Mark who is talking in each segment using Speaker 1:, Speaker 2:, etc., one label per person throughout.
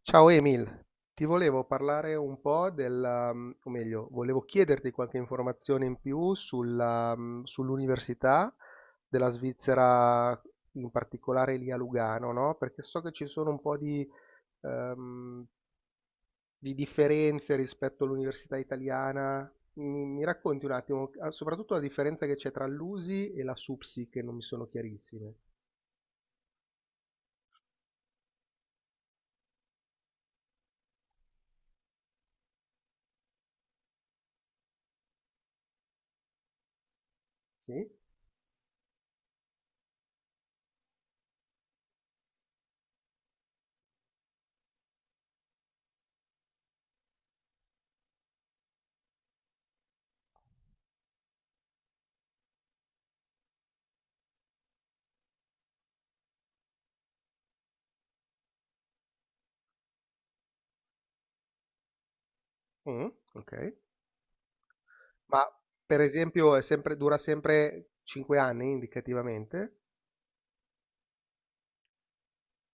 Speaker 1: Ciao Emil, ti volevo parlare un po' della, o meglio, volevo chiederti qualche informazione in più sulla, sull'università della Svizzera, in particolare lì a Lugano, no? Perché so che ci sono un po' ehm, di differenze rispetto all'università italiana. Mi racconti un attimo, ah, soprattutto la differenza che c'è tra l'USI e la SUPSI, che non mi sono chiarissime. Sì? Mm, ok. Ma per esempio è sempre, dura sempre 5 anni indicativamente?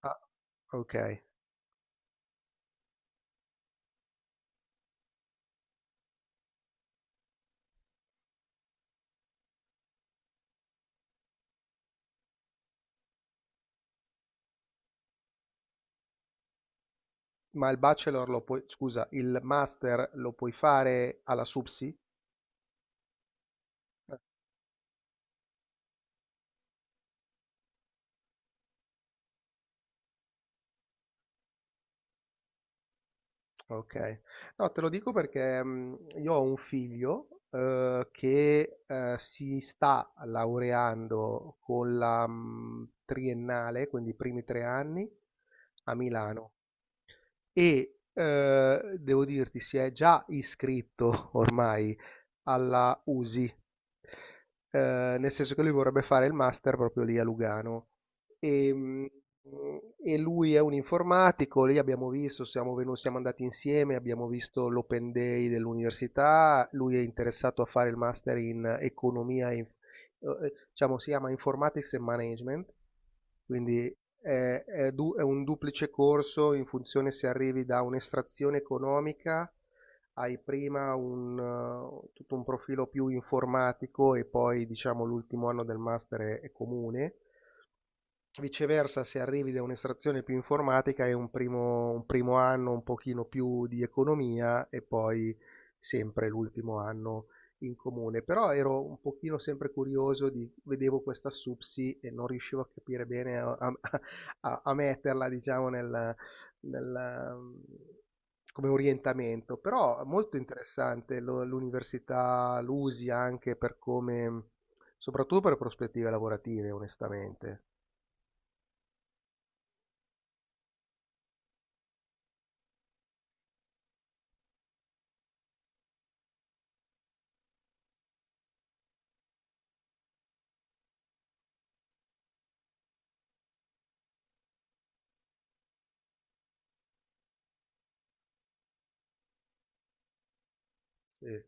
Speaker 1: Ah, ok. Ma il bachelor lo puoi, scusa, il master lo puoi fare alla SUPSI? Eh, Ok, no, te lo dico perché io ho un figlio che si sta laureando con la triennale, quindi i primi 3 anni a Milano e devo dirti si è già iscritto ormai alla USI, nel senso che lui vorrebbe fare il master proprio lì a Lugano. E, mh, e lui è un informatico, lì abbiamo visto, siamo andati insieme, abbiamo visto l'open day dell'università, lui è interessato a fare il master in economia e in diciamo, si chiama Informatics e Management, quindi è un duplice corso in funzione se arrivi da un'estrazione economica, hai prima un tutto un profilo più informatico e poi diciamo l'ultimo anno del master è comune. Viceversa, se arrivi da un'estrazione più informatica è un primo anno un pochino più di economia e poi sempre l'ultimo anno in comune. Però ero un pochino sempre curioso di, vedevo questa SUPSI e non riuscivo a capire bene a metterla, diciamo, nel- come orientamento. Però molto interessante l'università, l'USI anche per come, soprattutto per prospettive lavorative, onestamente. Sì.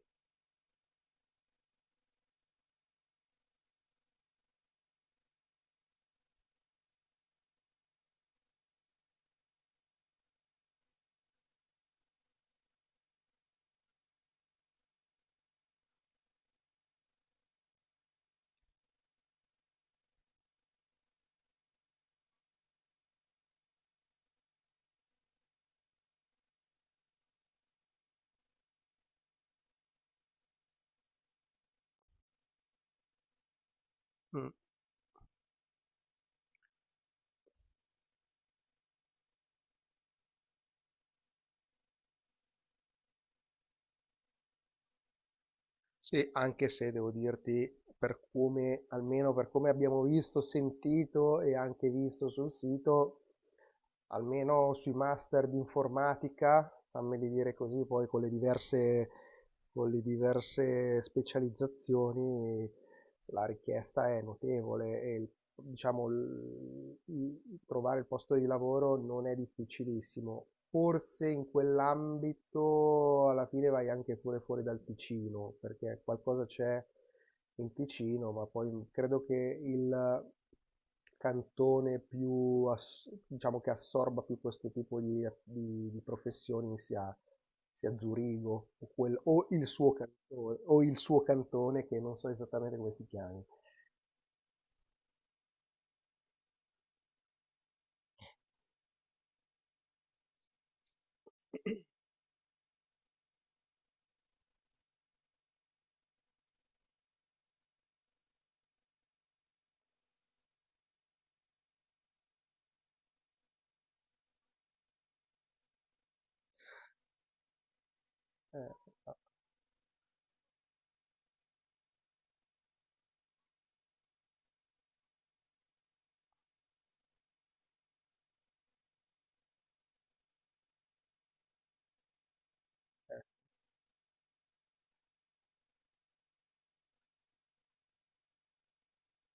Speaker 1: Mh. Sì, anche se devo dirti, per come almeno per come abbiamo visto, sentito e anche visto sul sito, almeno sui master di informatica, fammeli dire così, poi con le diverse specializzazioni la richiesta è notevole e diciamo trovare il posto di lavoro non è difficilissimo. Forse in quell'ambito alla fine vai anche pure fuori dal Ticino, perché qualcosa c'è in Ticino, ma poi credo che il cantone diciamo che assorba più questo tipo di, di professioni sia Zurigo o, o il suo cantone che non so esattamente come si chiami. Eh,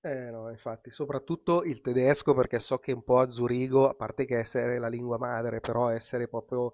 Speaker 1: Eh no, infatti, soprattutto il tedesco perché so che un po' a Zurigo, a parte che essere la lingua madre, però essere proprio,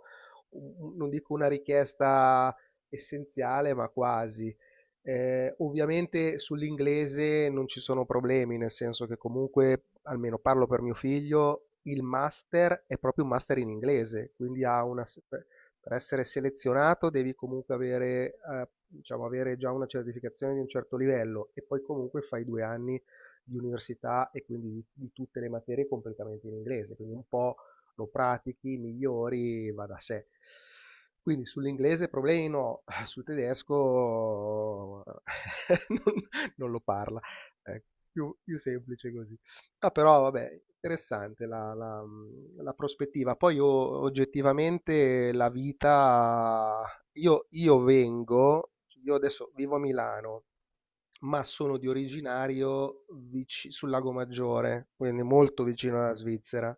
Speaker 1: non dico una richiesta essenziale, ma quasi. Ovviamente sull'inglese non ci sono problemi, nel senso che comunque, almeno parlo per mio figlio, il master è proprio un master in inglese, quindi ha una, se- per essere selezionato devi comunque avere, diciamo, avere già una certificazione di un certo livello e poi comunque fai 2 anni di università e quindi di tutte le materie completamente in inglese, quindi un po' lo pratichi, migliori, va da sé. Quindi sull'inglese problemi no, sul tedesco non, non, lo parla, è più semplice così. Ah, però vabbè, interessante la prospettiva. Poi io, oggettivamente la vita, io, io vengo, io adesso vivo a Milano, ma sono di originario vici sul Lago Maggiore, quindi molto vicino alla Svizzera.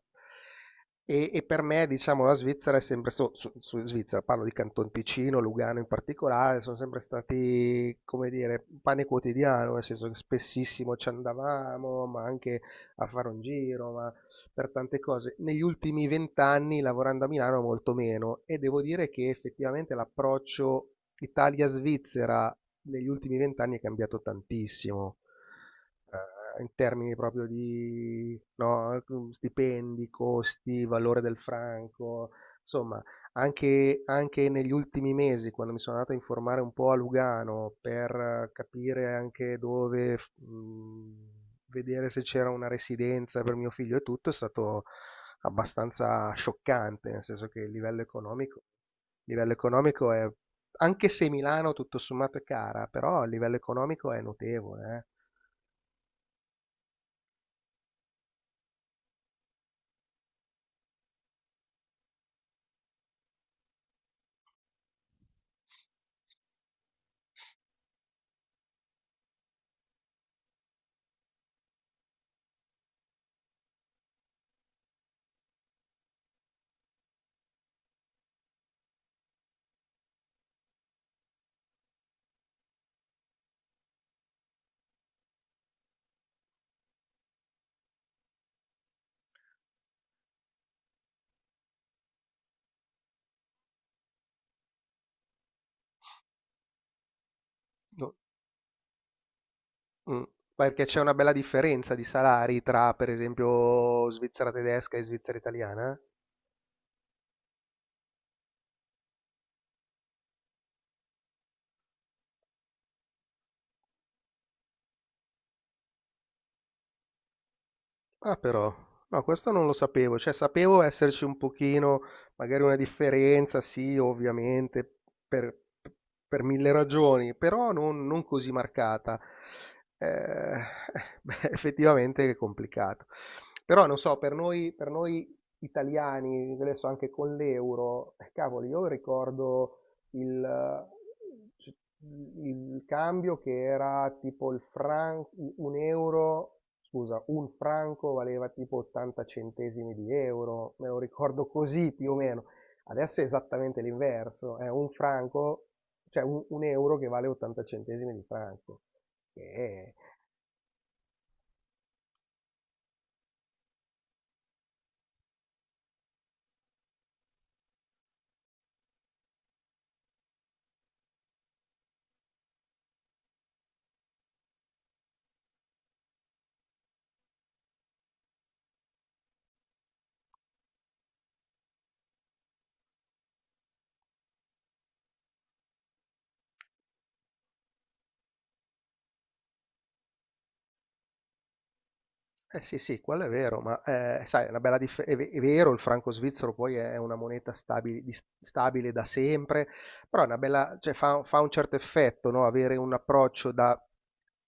Speaker 1: E per me, diciamo, la Svizzera è sempre Svizzera, parlo di Canton Ticino, Lugano in particolare, sono sempre stati, come dire, pane quotidiano, nel senso che spessissimo ci andavamo, ma anche a fare un giro, ma per tante cose. Negli ultimi vent'anni, lavorando a Milano, molto meno, e devo dire che effettivamente l'approccio Italia-Svizzera negli ultimi vent'anni è cambiato tantissimo, in termini proprio di no, stipendi, costi, valore del franco, insomma, anche negli ultimi mesi, quando mi sono andato a informare un po' a Lugano per capire anche dove vedere se c'era una residenza per mio figlio e tutto, è stato abbastanza scioccante, nel senso che il livello economico è anche se Milano tutto sommato è cara, però a livello economico è notevole, eh. No- mm. Perché c'è una bella differenza di salari tra, per esempio, Svizzera tedesca e Svizzera italiana. Ah però, no, questo non lo sapevo, cioè sapevo esserci un pochino, magari una differenza, sì, ovviamente, per, per mille ragioni, però non così marcata. Eh, beh, effettivamente è complicato. Però non so, per noi italiani, adesso anche con l'euro, cavolo, io ricordo il, c- il cambio che era tipo il franco, un euro, scusa, un franco valeva tipo 80 centesimi di euro, me lo ricordo così più o meno. Adesso è esattamente l'inverso, è un franco, cioè un euro che vale 80 centesimi di franco. Che è- Eh sì, sì, quello è vero, ma sai, è una bella è vero, il franco svizzero poi è una moneta stabile, stabile da sempre, però è una bella, cioè, fa un certo effetto, no? Avere un approccio da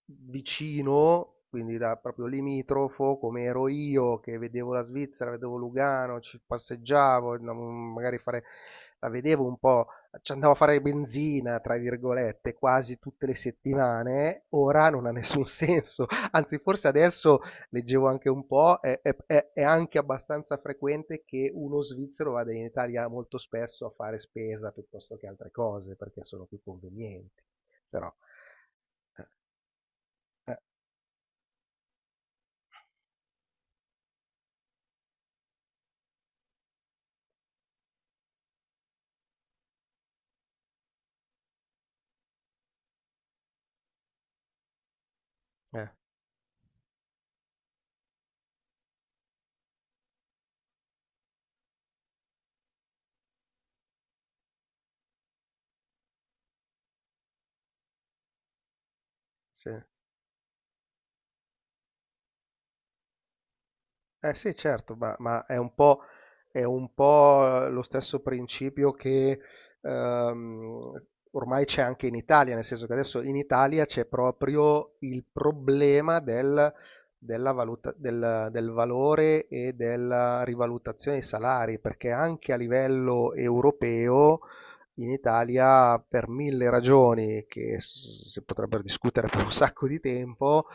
Speaker 1: vicino, quindi da proprio limitrofo, come ero io che vedevo la Svizzera, vedevo Lugano, ci passeggiavo, andavo magari a fare, la vedevo un po', ci andavo a fare benzina, tra virgolette, quasi tutte le settimane, ora non ha nessun senso. Anzi, forse adesso leggevo anche un po', è anche abbastanza frequente che uno svizzero vada in Italia molto spesso a fare spesa piuttosto che altre cose, perché sono più convenienti. Però. Eh. Eh. Sì. Eh sì, certo, ma è un po' lo stesso principio che ehm, ormai c'è anche in Italia, nel senso che adesso in Italia c'è proprio il problema della valuta, del valore e della rivalutazione dei salari, perché anche a livello europeo in Italia, per mille ragioni che si potrebbero discutere per un sacco di tempo,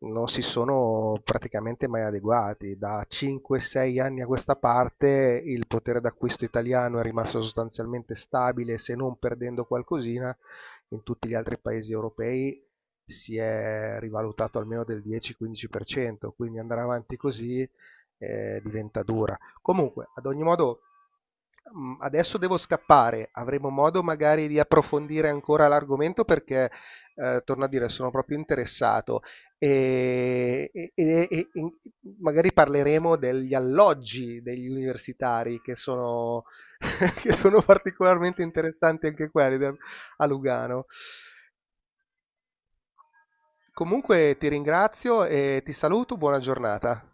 Speaker 1: non si sono praticamente mai adeguati. Da 5-6 anni a questa parte il potere d'acquisto italiano è rimasto sostanzialmente stabile, se non perdendo qualcosina, in tutti gli altri paesi europei si è rivalutato almeno del 10-15%, quindi andare avanti così diventa dura. Comunque, ad ogni modo, adesso devo scappare, avremo modo magari di approfondire ancora l'argomento perché, torno a dire, sono proprio interessato e magari parleremo degli alloggi degli universitari che sono, che sono particolarmente interessanti anche quelli a Lugano. Comunque ti ringrazio e ti saluto, buona giornata.